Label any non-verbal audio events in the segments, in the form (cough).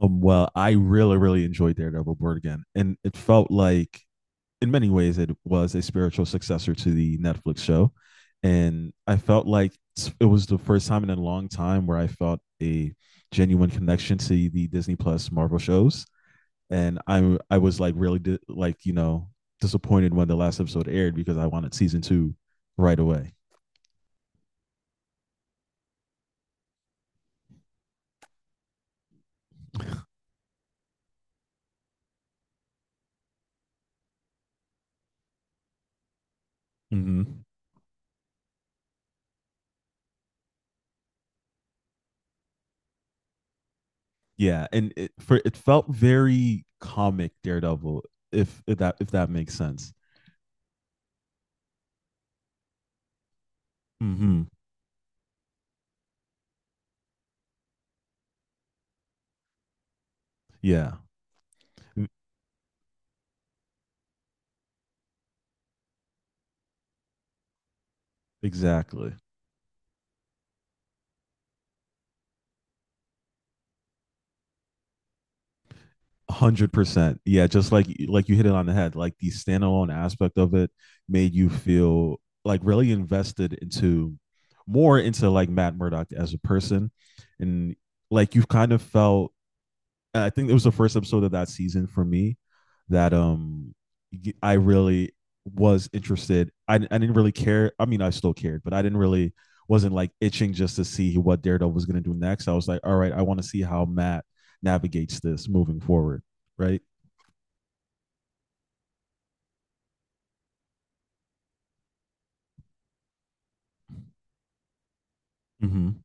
Well, I really, really enjoyed Daredevil Born Again, and it felt like, in many ways, it was a spiritual successor to the Netflix show, and I felt like it was the first time in a long time where I felt a genuine connection to the Disney Plus Marvel shows, and I was like really disappointed when the last episode aired because I wanted season two right away. Hmm. Yeah, and it felt very comic Daredevil, if that makes sense. Hmm. Yeah. m- exactly. 100%. Yeah, just like you hit it on the head. Like the standalone aspect of it made you feel like really invested into more into like Matt Murdock as a person, and like you've kind of felt I think it was the first episode of that season for me that I really was interested. I didn't really care. I mean, I still cared, but I didn't really wasn't like itching just to see what Daredevil was going to do next. I was like, all right, I want to see how Matt navigates this moving forward, right? Mm-hmm.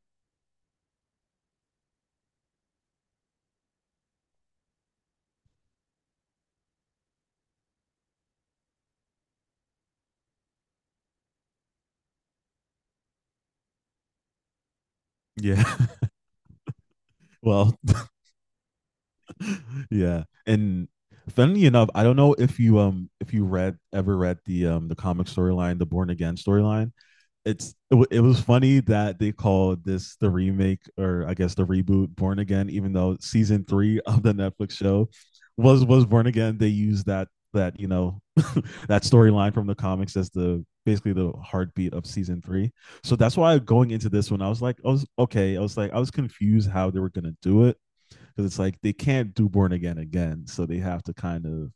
Yeah. (laughs) Well, (laughs) yeah. And funnily enough, I don't know if you read ever read the comic storyline, the Born Again storyline. It was funny that they called this the remake, or I guess the reboot, Born Again, even though season three (laughs) of the Netflix show was Born Again. They used that that you know (laughs) that storyline from the comics as the basically the heartbeat of season three. So that's why going into this one, I was like, I was okay. I was like, I was confused how they were gonna do it because it's like they can't do Born Again again, so they have to kind of,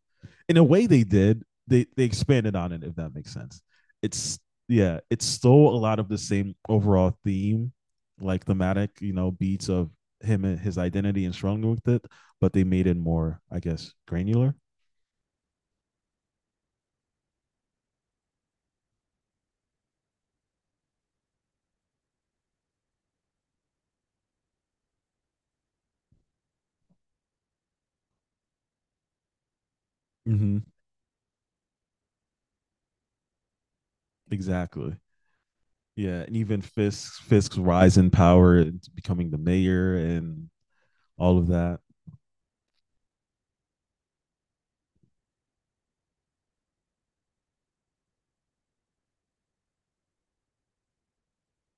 in a way, they did. They expanded on it, if that makes sense. It's yeah, it's still a lot of the same overall theme, like thematic, you know, beats of him and his identity and struggling with it, but they made it more, I guess, granular. Mm-hmm. Exactly. Yeah, and even Fisk's rise in power and becoming the mayor and all of that.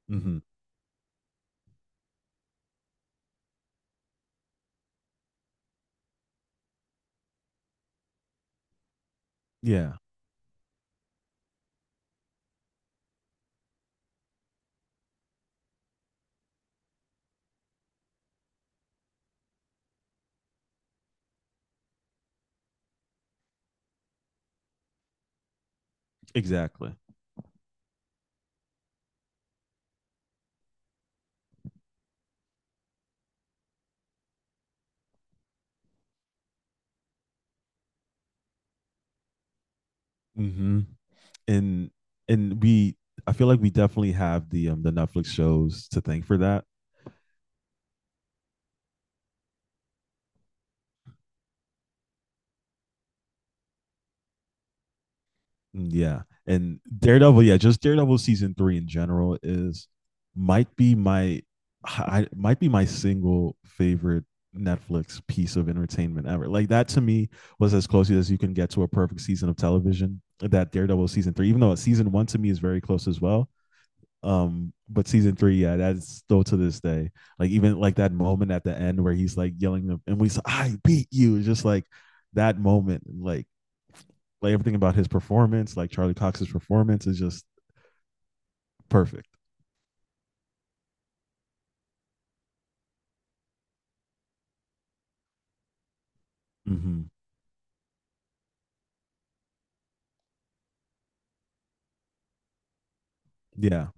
Mm-hmm. Yeah, exactly. Mm-hmm. and and we I feel like we definitely have the Netflix shows to thank for that. Mm. Yeah. And Daredevil, yeah, just Daredevil season 3 in general is might be my might be my single favorite Netflix piece of entertainment ever. Like that to me was as close as you can get to a perfect season of television. That Daredevil season 3, even though season 1 to me is very close as well. But season three, yeah, that's still to this day. Like even like that moment at the end where he's like yelling and we said, I beat you. It's just like that moment, like everything about his performance, like Charlie Cox's performance is just perfect. Hmm. Yeah.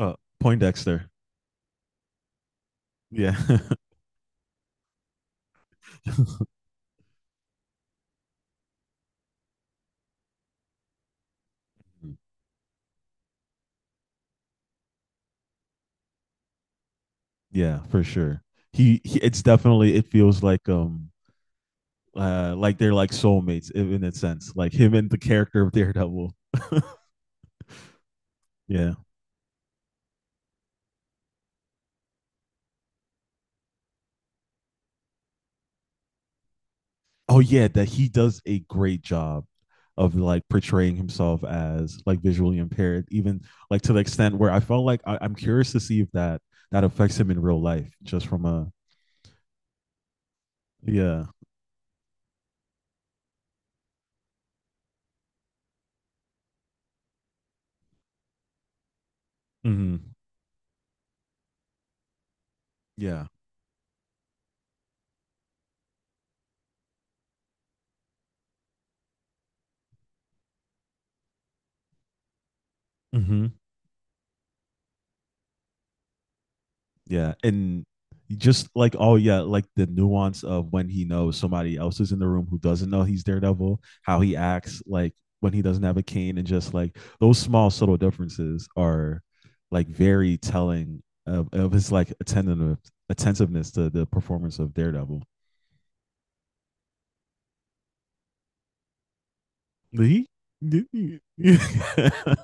Uh, Poindexter. Yeah. (laughs) Yeah, for sure. He it's definitely it feels like they're like soulmates in a sense, like him and the character of Daredevil. Yeah. Oh yeah, that he does a great job of like portraying himself as like visually impaired, even like to the extent where I felt like I'm curious to see if that affects him in real life, just from a yeah, mm-hmm. Yeah, mm-hmm. Yeah, and just like oh yeah, like the nuance of when he knows somebody else is in the room who doesn't know he's Daredevil, how he acts like when he doesn't have a cane, and just like those small subtle differences are like very telling of his like attentive attentiveness to the performance of Daredevil. Lee? (laughs) Yeah. (laughs)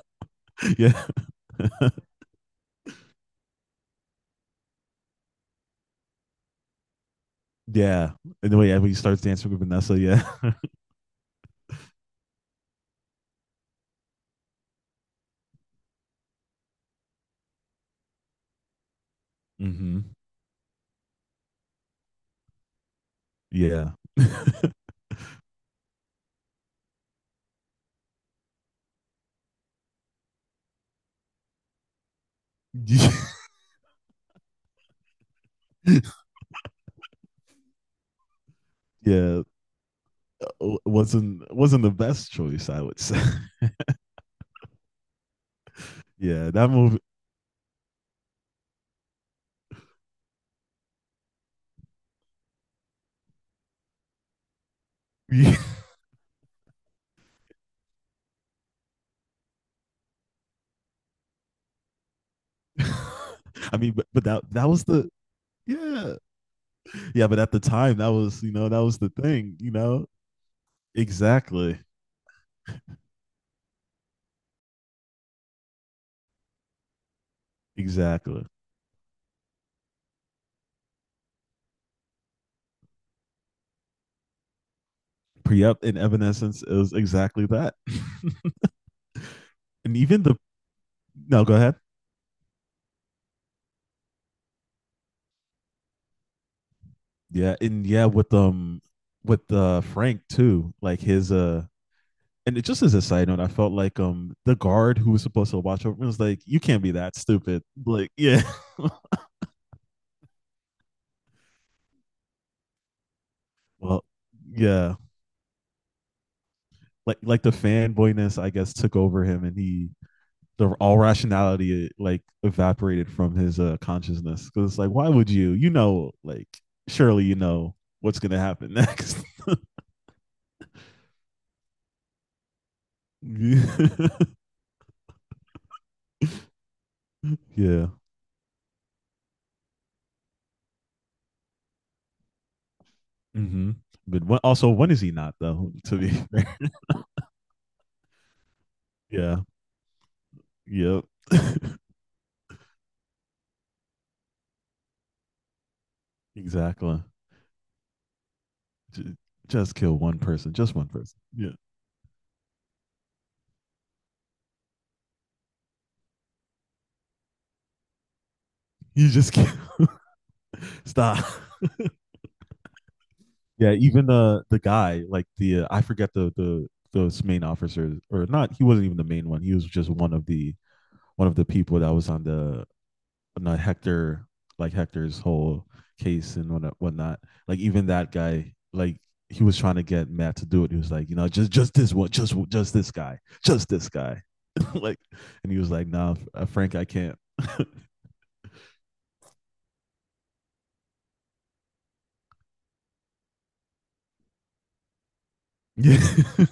Yeah. And the way yeah, when he starts dancing with Vanessa, yeah. (laughs) Hmm. Yeah. (laughs) Yeah. Wasn't the best choice, I would say. (laughs) Yeah, that movie. Yeah. (laughs) I mean, but, but that was the yeah yeah. But at the time, that was you know that was the thing. You know exactly. Exactly. Pre-up in Evanescence is exactly that. (laughs) And even the no, go ahead. Yeah, and yeah with Frank too, like his and it just as a side note, I felt like the guard who was supposed to watch over was like, "You can't be that stupid." Like, yeah. (laughs) Well, yeah, like the fanboyness, I guess, took over him, and he the all rationality like evaporated from his consciousness. Because it's like, why would you? You know, like surely you know what's gonna happen next. (laughs) Yeah. Hmm. But when, also, when is he not though? To be (laughs) yeah, yep, exactly. J- just kill one person, just one person. Yeah, you just can't. (laughs) Stop. Yeah, even the guy, like the I forget the those main officers or not. He wasn't even the main one. He was just one of the people that was on the Hector like Hector's whole case and whatnot. Whatnot. Like even that guy, like he was trying to get Matt to do it. He was like, you know, just this one, just this guy, just this guy. (laughs) Like, and he was like, nah, Frank, I can't. (laughs) Yeah,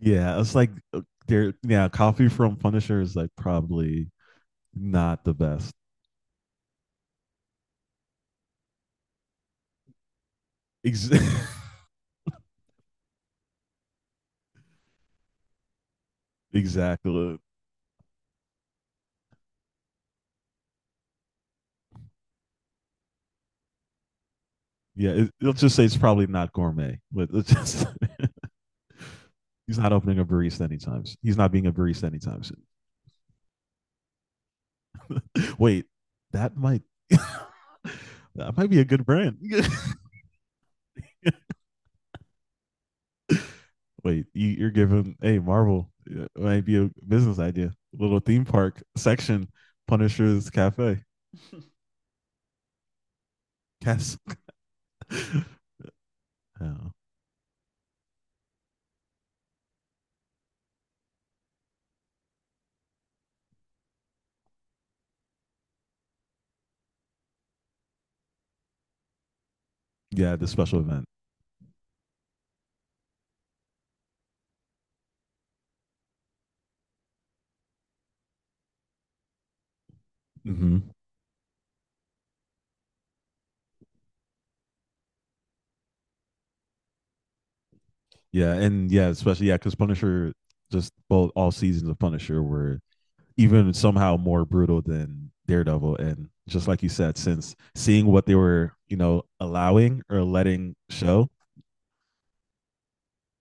it's like there. Yeah, coffee from Punisher is like probably not the best. Ex- (laughs) exactly. Yeah, it, let's just say it's probably not gourmet. But let's just (laughs) he's not opening a barista anytime. Soon. He's not being a barista anytime soon. Wait, that might (laughs) that might be a good brand. (laughs) Wait, you're giving hey Marvel it might be a business idea. Little theme park section, Punisher's Cafe. Yes. (laughs) Oh, yeah, the special event. Mm-hmm. Yeah, and yeah, especially yeah, because Punisher just both all seasons of Punisher were even somehow more brutal than Daredevil. And just like you said, since seeing what they were, you know, allowing or letting show,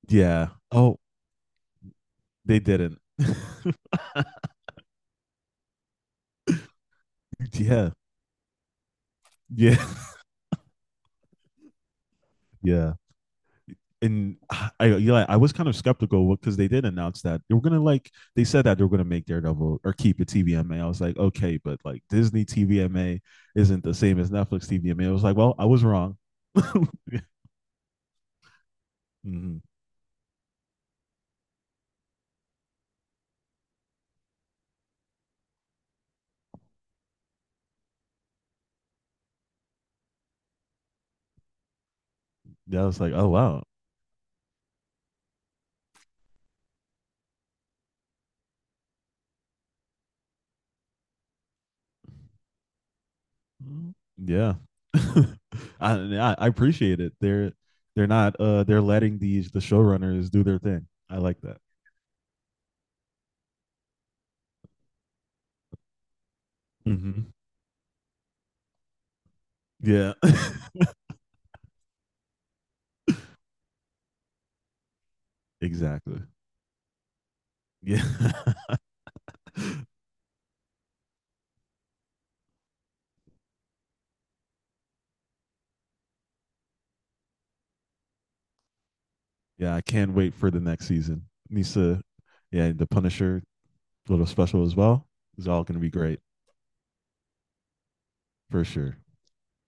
yeah. Oh, they didn't. (laughs) Yeah, yeah, yeah. And yeah, I was kind of skeptical because they did announce that they were gonna like they said that they were gonna make Daredevil or keep it TVMA. I was like, okay, but like Disney TVMA isn't the same as Netflix TVMA. I was like, well, I was wrong. (laughs) Mm-hmm. Yeah, I was like, oh wow. Mm. Yeah. (laughs) I appreciate it. They're not they're letting these the showrunners do their thing. I like that. Hmm. Yeah. (laughs) Exactly. Yeah. (laughs) Yeah, I can't wait for the next season. Needs to yeah, the Punisher little special as well is all gonna be great for sure.